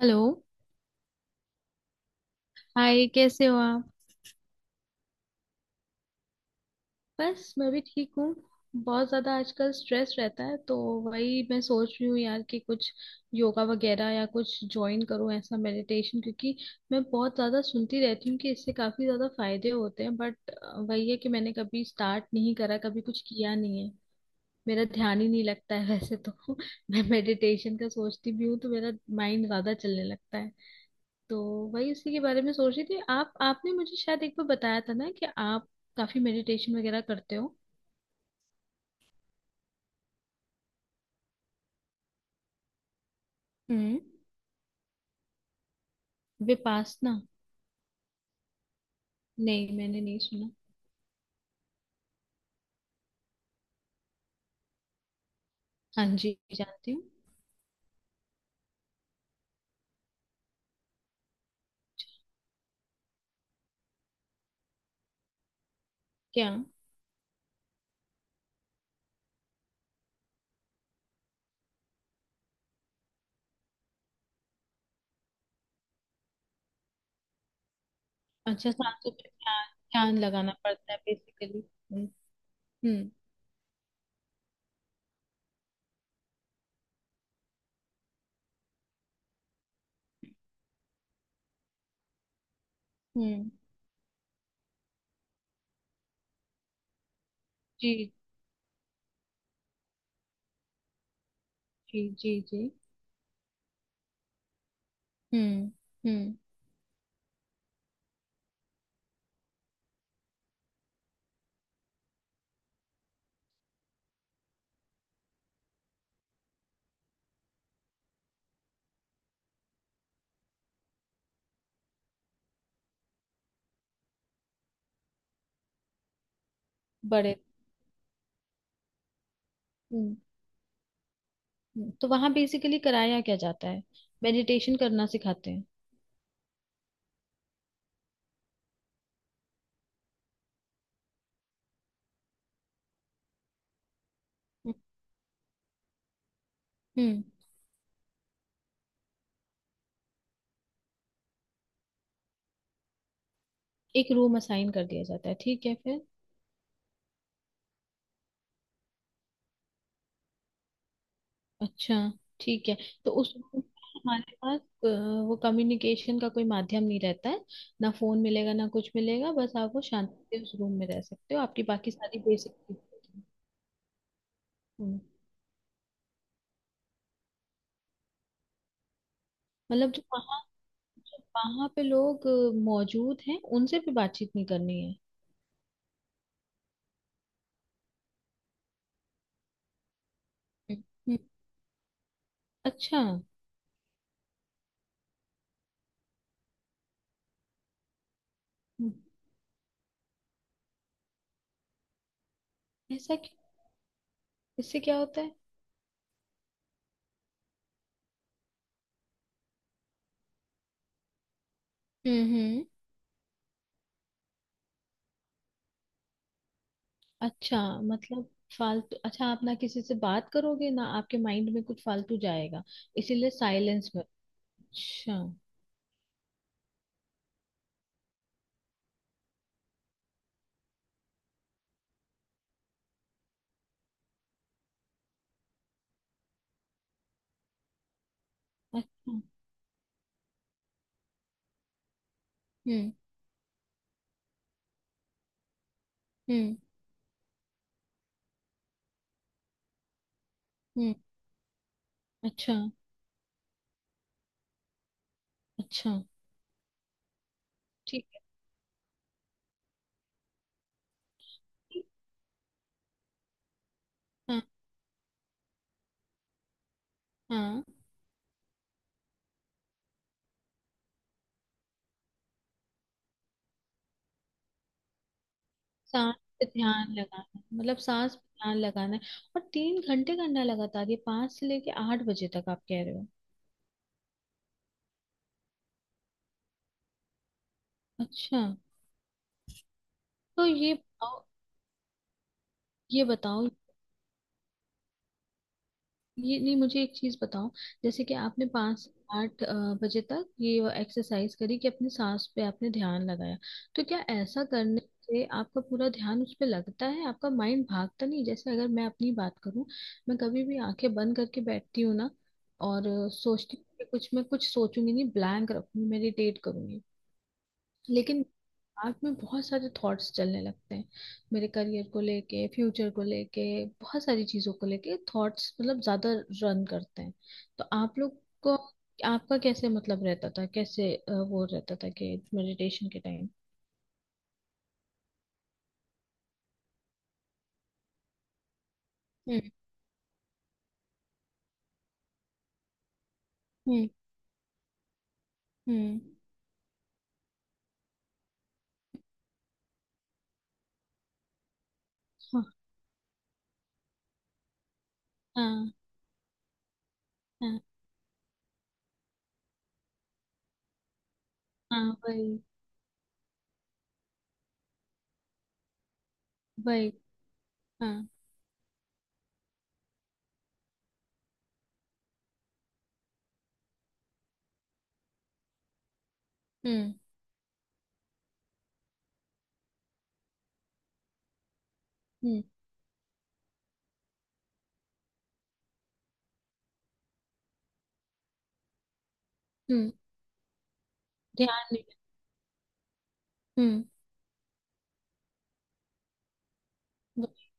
Hello. Hi, कैसे हो आप? बस, मैं भी ठीक हूँ। बहुत ज़्यादा आजकल स्ट्रेस रहता है तो वही मैं सोच रही हूँ यार कि कुछ योगा वगैरह या कुछ ज्वाइन करूँ ऐसा मेडिटेशन, क्योंकि मैं बहुत ज़्यादा सुनती रहती हूँ कि इससे काफ़ी ज़्यादा फायदे होते हैं, बट वही है कि मैंने कभी स्टार्ट नहीं करा, कभी कुछ किया नहीं है। मेरा ध्यान ही नहीं लगता है वैसे तो मैं मेडिटेशन का सोचती भी हूँ तो मेरा माइंड ज़्यादा चलने लगता है। तो वही उसी के बारे में सोच रही थी। आप आपने मुझे शायद एक बार बताया था ना कि आप काफी मेडिटेशन वगैरह करते हो। हम्म। विपासना? नहीं, मैंने नहीं सुना। हाँ जी, जानती हूँ। क्या? अच्छा, सांसों पे ध्यान। ध्यान लगाना पड़ता है बेसिकली। हम्म। हम्म। हम्म। जी। जी। जी। जी। हम्म। हम्म। बड़े। हम्म। हम्म। तो वहां बेसिकली कराया क्या जाता है? मेडिटेशन करना सिखाते हैं? हम्म। हम्म। एक रूम असाइन कर दिया जाता है, ठीक है, फिर? अच्छा। ठीक है। तो उस हमारे पास वो कम्युनिकेशन का कोई माध्यम नहीं रहता है। ना फोन मिलेगा ना कुछ मिलेगा, बस आप वो शांति से उस रूम में रह सकते हो, आपकी बाकी सारी बेसिक चीजें। हम्म। मतलब जो वहाँ पे लोग मौजूद हैं उनसे भी बातचीत नहीं करनी है? हम्म। हम्म। अच्छा। हम्म। ऐसा क्यों? इससे क्या होता है? हम्म। हम्म। अच्छा, मतलब फालतू, अच्छा, आप ना किसी से बात करोगे ना आपके माइंड में कुछ फालतू जाएगा, इसीलिए साइलेंस में। अच्छा। अच्छा। हम्म। हम्म। हम्म। अच्छा। अच्छा। ठीक है। हाँ। हाँ। सांस पे ध्यान लगाना है, मतलब सांस पे ध्यान लगाना है? और 3 घंटे करना है लगातार, ये 5 से लेके 8 बजे तक आप कह रहे हो? अच्छा। तो ये बताओ, ये बताओ, ये नहीं, मुझे एक चीज बताओ। जैसे कि आपने 5 से 8 बजे तक ये एक्सरसाइज करी कि अपनी सांस पे आपने ध्यान लगाया, तो क्या ऐसा करने से आपका पूरा ध्यान उस पे लगता है? आपका माइंड भागता नहीं? जैसे अगर मैं अपनी बात करूं, मैं कभी भी आंखें बंद करके बैठती हूँ ना, और सोचती हूँ कि कुछ मैं कुछ सोचूंगी नहीं, ब्लैंक रखूंगी, मेडिटेट करूंगी। लेकिन दिमाग में बहुत सारे थॉट्स चलने लगते हैं, मेरे करियर को लेके, फ्यूचर को लेके, बहुत सारी चीजों को लेके थॉट्स मतलब ज्यादा रन करते हैं। तो आप लोग को, आपका कैसे मतलब रहता था, कैसे वो रहता था कि मेडिटेशन के टाइम? हम्म। हम्म। हम्म। हाँ। हाँ। हाँ। हाँ, वही। वही। हाँ। हम्म। हम्म। हम्म। ध्यान नहीं। हम्म। वही।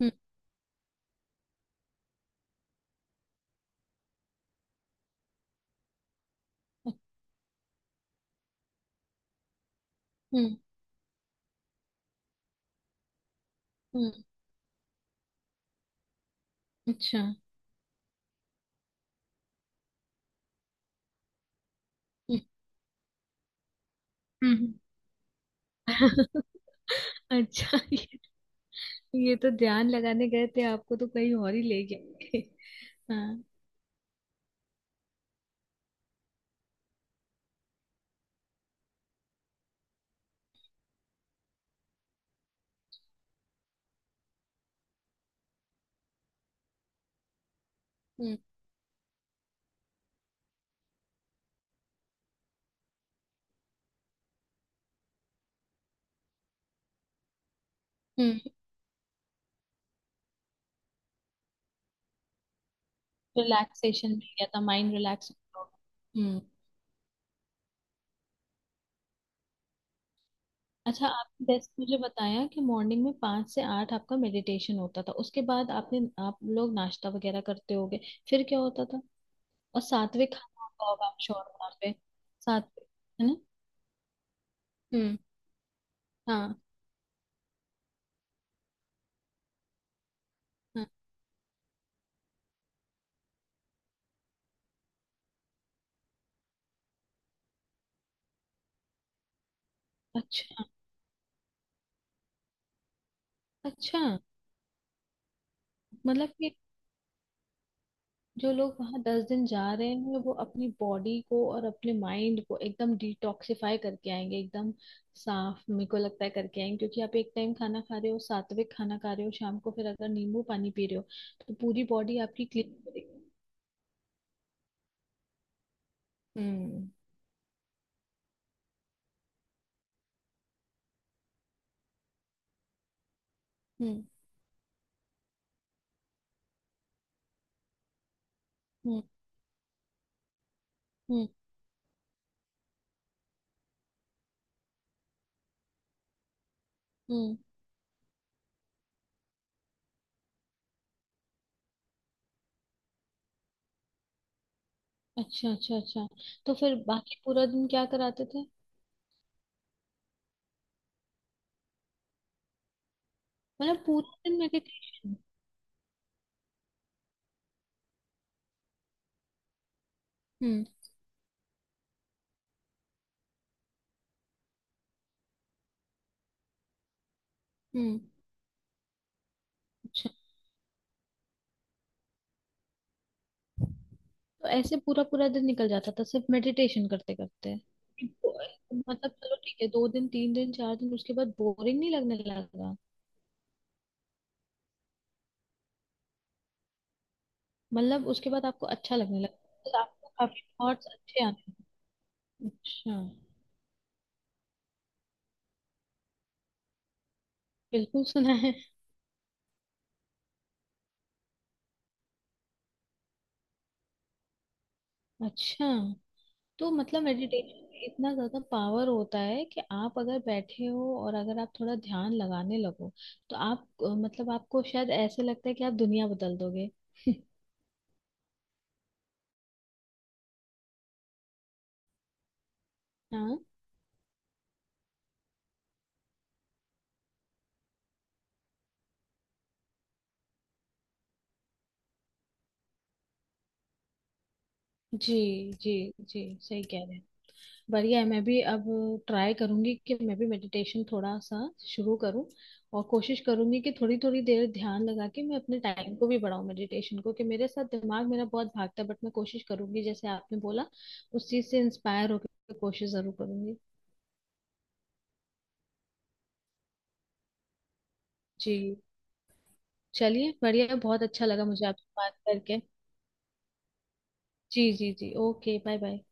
हम्म। हम्म। हम्म। अच्छा। हम्म। हम्म। अच्छा। ये तो ध्यान लगाने गए थे, आपको तो कहीं और ही ले गए हाँ। हम्म। हम्म। रिलैक्सेशन मिल गया था, माइंड रिलैक्स हो गया। हम्म। अच्छा, आपने जैसे मुझे बताया कि मॉर्निंग में 5 से 8 आपका मेडिटेशन होता था, उसके बाद आपने, आप लोग नाश्ता वगैरह करते होगे, फिर क्या होता था? और सात्विक खाना होता होगा आप, श्योर वहाँ पे? सात्विक, है ना? हम्म। हाँ, हाँ। अच्छा। अच्छा। मतलब कि जो लोग वहां 10 दिन जा रहे हैं वो अपनी बॉडी को और अपने माइंड को एकदम डिटॉक्सिफाई करके आएंगे, एकदम साफ, मेरे को लगता है, करके आएंगे, क्योंकि आप एक टाइम खाना खा रहे हो, सात्विक खाना खा रहे हो, शाम को फिर अगर नींबू पानी पी रहे हो तो पूरी बॉडी आपकी क्लीन करेगी। हम्म। हम्म। हम्म। हम्म। हम्म। अच्छा। अच्छा। अच्छा। तो फिर बाकी पूरा दिन क्या कराते थे? मतलब पूरा दिन मेडिटेशन? हम्म। हम्म। अच्छा। तो ऐसे पूरा पूरा दिन निकल जाता था सिर्फ मेडिटेशन करते करते? मतलब चलो ठीक है, 2 दिन, 3 दिन, 4 दिन उसके बाद बोरिंग नहीं लगने लगा? मतलब उसके बाद आपको अच्छा लगने लगा? तो आपको काफी थॉट्स अच्छे आने लगे? अच्छा। बिल्कुल सुना है। अच्छा, तो मतलब मेडिटेशन में इतना ज्यादा पावर होता है कि आप अगर बैठे हो और अगर आप थोड़ा ध्यान लगाने लगो तो आप मतलब आपको शायद ऐसे लगता है कि आप दुनिया बदल दोगे? हाँ। जी। जी। जी सही कह रहे हैं। बढ़िया है। मैं भी अब ट्राई करूंगी कि मैं भी मेडिटेशन थोड़ा सा शुरू करूं, और कोशिश करूंगी कि थोड़ी थोड़ी देर ध्यान लगा के मैं अपने टाइम को भी बढ़ाऊं मेडिटेशन को, कि मेरे साथ दिमाग मेरा बहुत भागता है, बट मैं कोशिश करूंगी जैसे आपने बोला, उस चीज से इंस्पायर होकर कोशिश जरूर करूंगी। जी। चलिए, बढ़िया, बहुत अच्छा लगा मुझे आपसे बात करके। जी, जी, जी, ओके, बाय बाय।